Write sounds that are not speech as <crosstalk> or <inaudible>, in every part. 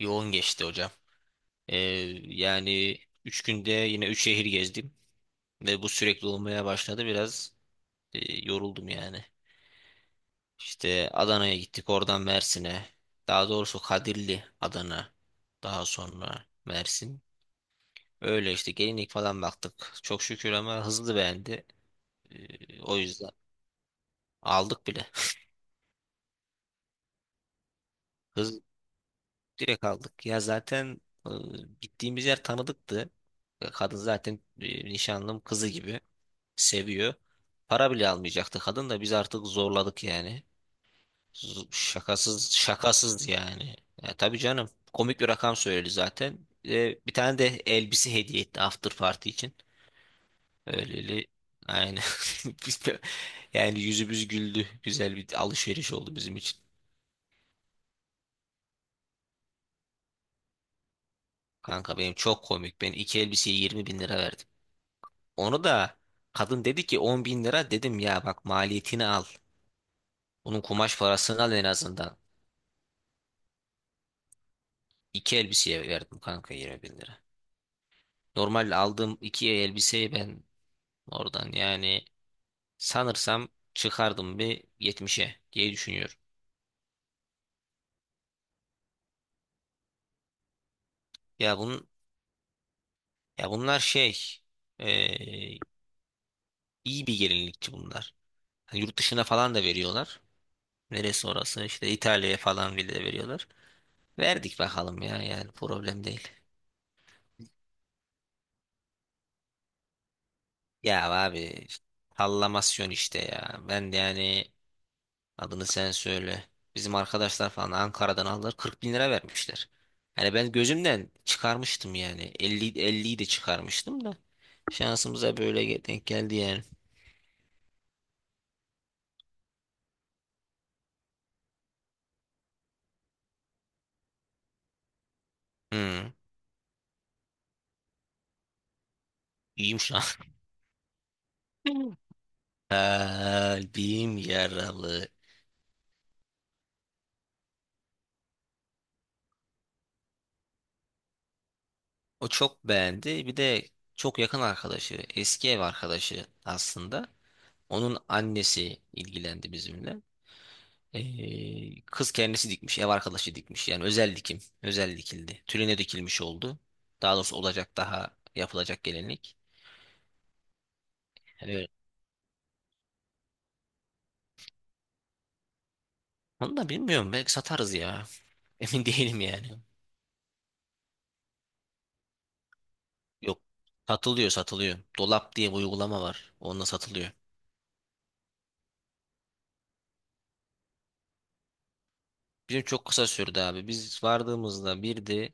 Yoğun geçti hocam. Ee, yani 3 günde yine 3 şehir gezdim ve bu sürekli olmaya başladı. Biraz e, yoruldum yani. İşte Adana'ya gittik, oradan Mersin'e. Daha doğrusu Kadirli, Adana. Daha sonra Mersin. Öyle işte gelinlik falan baktık. Çok şükür ama hızlı beğendi. O yüzden aldık bile. Hız direkt aldık. Ya zaten gittiğimiz yer tanıdıktı. Kadın zaten nişanlım kızı gibi seviyor. Para bile almayacaktı kadın da biz artık zorladık yani. Şakasız şakasız yani. Ya tabii canım komik bir rakam söyledi zaten. Bir de bir tane de elbise hediye etti after party için. Öyleli aynen. <laughs> Biz de- Yani yüzümüz güldü. Güzel bir alışveriş oldu bizim için. Kanka benim çok komik. Ben iki elbiseye 20 bin lira verdim. Onu da kadın dedi ki 10 bin lira, dedim ya bak maliyetini al. Bunun kumaş parasını al en azından. İki elbiseye verdim kanka 20 bin lira. Normal aldığım iki elbiseyi ben oradan yani sanırsam çıkardım bir yetmişe diye düşünüyorum. Ya bunun ya bunlar şey eee, iyi bir gelinlikçi bunlar. Hani yurt dışına falan da veriyorlar. Neresi orası işte İtalya'ya falan bile de veriyorlar. Verdik bakalım ya, yani problem değil. Ya abi, sallamasyon işte ya. Ben de yani. Adını sen söyle. Bizim arkadaşlar falan Ankara'dan aldılar, 40 bin lira vermişler. Hani ben gözümden çıkarmıştım yani. Elli, elliyi de çıkarmıştım da. Şansımıza böyle denk geldi yani. Hı. İyiyim şu an. <laughs> Kalbim yaralı. O çok beğendi. Bir de çok yakın arkadaşı, eski ev arkadaşı aslında. Onun annesi ilgilendi bizimle. Kız kendisi dikmiş, ev arkadaşı dikmiş. Yani özel dikim, özel dikildi. Tüline dikilmiş oldu. Daha doğrusu olacak, daha yapılacak gelinlik. Yani öyle. Onu da bilmiyorum. Belki satarız ya. <laughs> Emin değilim yani. Yok, satılıyor, satılıyor. Dolap diye bir uygulama var. Onunla satılıyor. Bizim çok kısa sürdü abi. Biz vardığımızda bir de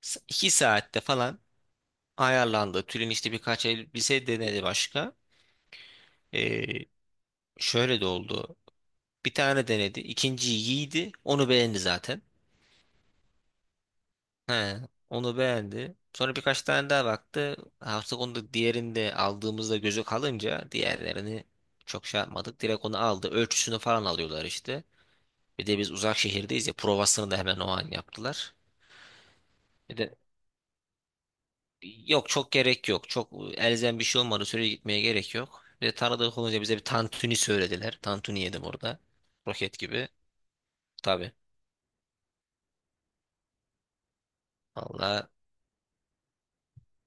2 saatte falan ayarlandı. Tülin işte birkaç elbise denedi başka. Ee, şöyle de oldu. Bir tane denedi, ikinciyi giydi. Onu beğendi zaten. He, onu beğendi. Sonra birkaç tane daha baktı. Hafta onu diğerinde aldığımızda, gözü kalınca diğerlerini çok şey yapmadık. Direkt onu aldı. Ölçüsünü falan alıyorlar işte. Bir de biz uzak şehirdeyiz ya, provasını da hemen o an yaptılar. Bir de yok, çok gerek yok. Çok elzem bir şey olmadı. Sürece gitmeye gerek yok. Bir de tanıdık olunca bize bir tantuni söylediler. Tantuni yedim orada. Roket gibi. Tabii. Valla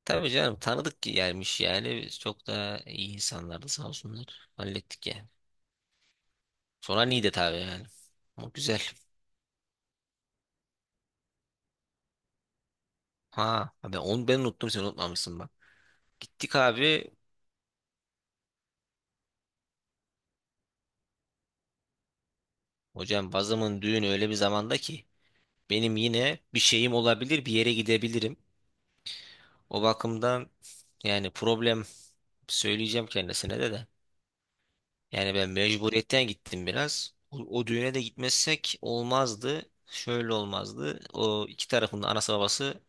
tabii canım, tanıdık gelmiş yani. Biz çok da iyi insanlardı sağ olsunlar. Hallettik ya. Sonra Niğde abi yani. Ama güzel. Ha, ben onu, ben unuttum, sen unutmamışsın bak. Gittik abi. Hocam bazımın düğünü öyle bir zamanda ki benim yine bir şeyim olabilir, bir yere gidebilirim. O bakımdan yani problem, söyleyeceğim kendisine de. Yani ben mecburiyetten gittim biraz. O düğüne de gitmezsek olmazdı. Şöyle olmazdı. O iki tarafın da anası babası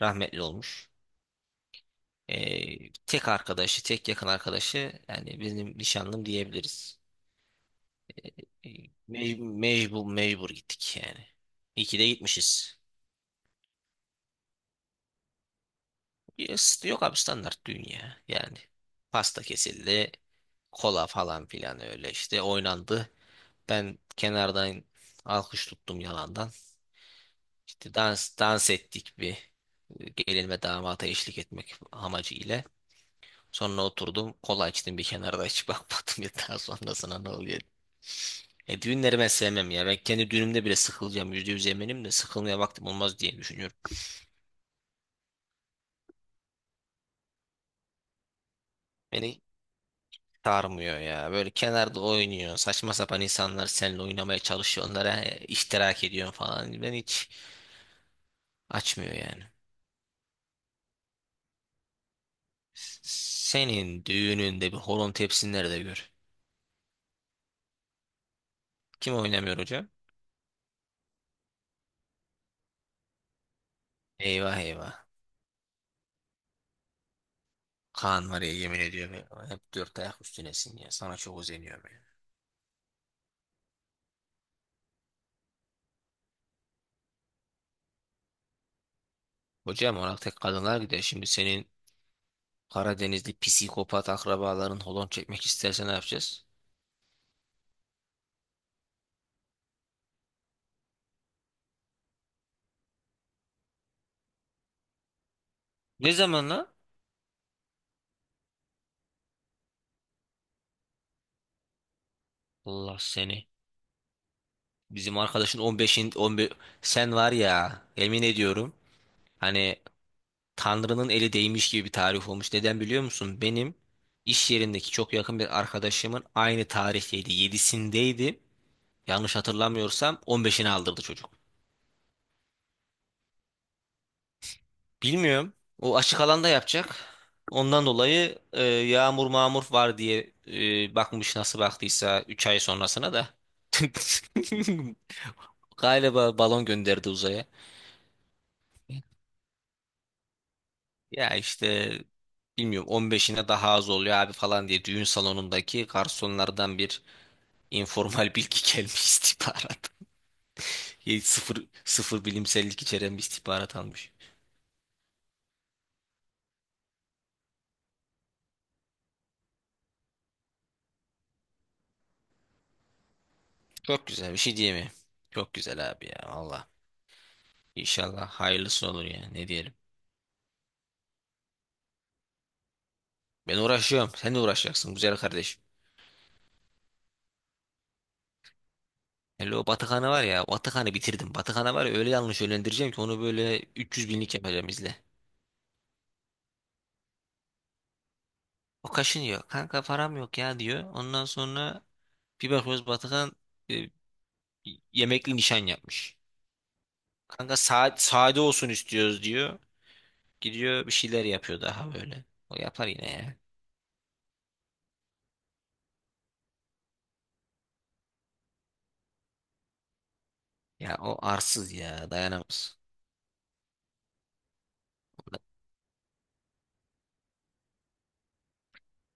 rahmetli olmuş. Tek arkadaşı, tek yakın arkadaşı yani benim nişanlım diyebiliriz. Ee, Mey mecbur mecbur gittik yani. İyi ki de gitmişiz. Yes, yok abi, standart dünya yani. Pasta kesildi. Kola falan filan, öyle işte oynandı. Ben kenardan alkış tuttum yalandan. İşte dans ettik bir gelinime damata eşlik etmek amacı ile. Sonra oturdum, kola içtim bir kenarda, hiç <laughs> bakmadım ya daha sonrasına ne oluyor. Düğünleri ben sevmem ya. Ben kendi düğünümde bile sıkılacağım. %100 eminim de, sıkılmaya vaktim olmaz diye düşünüyorum. Beni sarmıyor ya. Böyle kenarda oynuyor. Saçma sapan insanlar seninle oynamaya çalışıyor. Onlara iştirak ediyorsun falan. Ben hiç açmıyor yani. Senin düğününde bir horon tepsin nerede gör. Kim oynamıyor hocam? Eyvah eyvah. Kaan var ya, yemin ediyorum. Hep dört ayak üstünesin ya. Sana çok özeniyorum ya. Hocam ona tek kadınlar gider. Şimdi senin Karadenizli psikopat akrabaların holon çekmek isterse ne yapacağız? Ne zaman lan? Allah seni. Bizim arkadaşın on beşin on 15, sen var ya yemin ediyorum. Hani Tanrı'nın eli değmiş gibi bir tarih olmuş. Neden biliyor musun? Benim iş yerindeki çok yakın bir arkadaşımın aynı tarihteydi, yedisindeydi. Yanlış hatırlamıyorsam 15'ini aldırdı çocuk. Bilmiyorum. O açık alanda yapacak. Ondan dolayı yağmur mağmur var diye bakmış, nasıl baktıysa 3 ay sonrasına da. <laughs> Galiba balon gönderdi uzaya. Ya işte bilmiyorum, 15'ine daha az oluyor abi falan diye düğün salonundaki garsonlardan bir informal bilgi <laughs> gelmiş istihbarat. Sıfır, sıfır bilimsellik içeren bir istihbarat almış. Çok güzel bir şey diyemiyorum. Çok güzel abi ya valla. İnşallah hayırlısı olur ya, ne diyelim. Ben uğraşıyorum. Sen de uğraşacaksın güzel kardeşim. Hele o Batıkan'ı var ya, Batıkan'ı bitirdim. Batıkan'ı var ya, öyle yanlış yönlendireceğim ki onu, böyle 300 binlik yapacağım, izle. O kaşınıyor. Kanka param yok ya diyor. Ondan sonra bir bakıyoruz Batıkan e, yemekli nişan yapmış. Kanka saat sade olsun istiyoruz diyor. Gidiyor bir şeyler yapıyor daha böyle. O yapar yine ya. Ya o arsız ya, dayanamaz.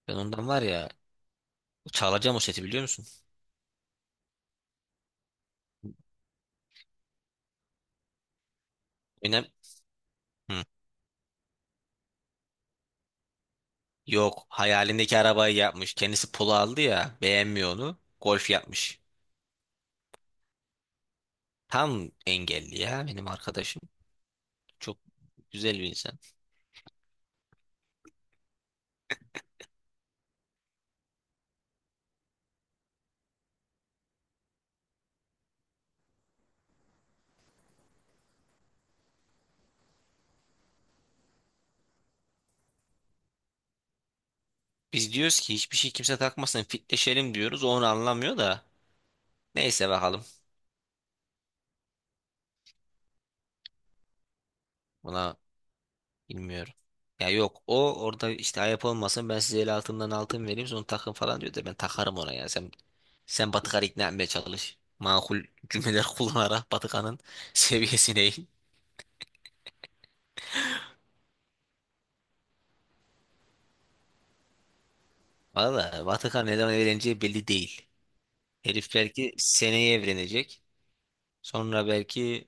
Ben ondan var ya, çalacağım o seti, biliyor musun? Önem. Hı. Yok, hayalindeki arabayı yapmış. Kendisi polo aldı ya, beğenmiyor onu. Golf yapmış. Tam engelli ya benim arkadaşım. Çok güzel bir insan. Biz diyoruz ki hiçbir şey, kimse takmasın, fitleşelim diyoruz. O onu anlamıyor da. Neyse bakalım. Buna bilmiyorum. Ya yok, o orada işte ayıp olmasın, ben size el altından altın vereyim sonra takın falan diyor da, ben takarım ona ya. Sen Batıkan'ı ikna etmeye çalış. Makul cümleler kullanarak Batıkan'ın <laughs> seviyesine in. Valla Batıkan neden eğleneceği belli değil. Herif belki seneye evlenecek. Sonra belki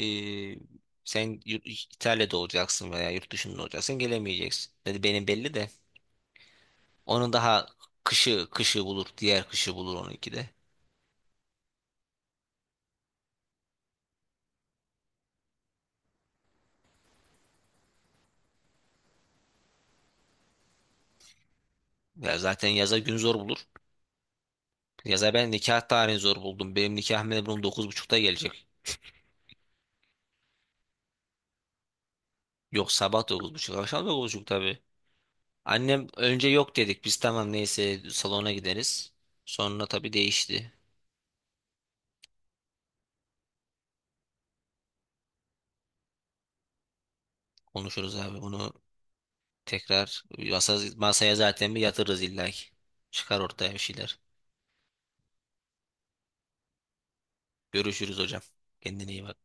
e, sen yurt- İtalya'da olacaksın veya yurt dışında olacaksın, gelemeyeceksin. Dedi benim belli de. Onun daha kışı bulur. Diğer kışı bulur onunki de. Ya zaten yaza gün zor bulur. Yaza ben nikah tarihini zor buldum. Benim nikah memnurum 9.30'da gelecek. Yok, sabah 9.30, akşam 9.30 tabii. Annem önce yok dedik, biz tamam neyse salona gideriz. Sonra tabii değişti. Konuşuruz abi bunu. Tekrar masaya zaten bir yatırırız illa ki. Çıkar ortaya bir şeyler. Görüşürüz hocam. Kendine iyi bak.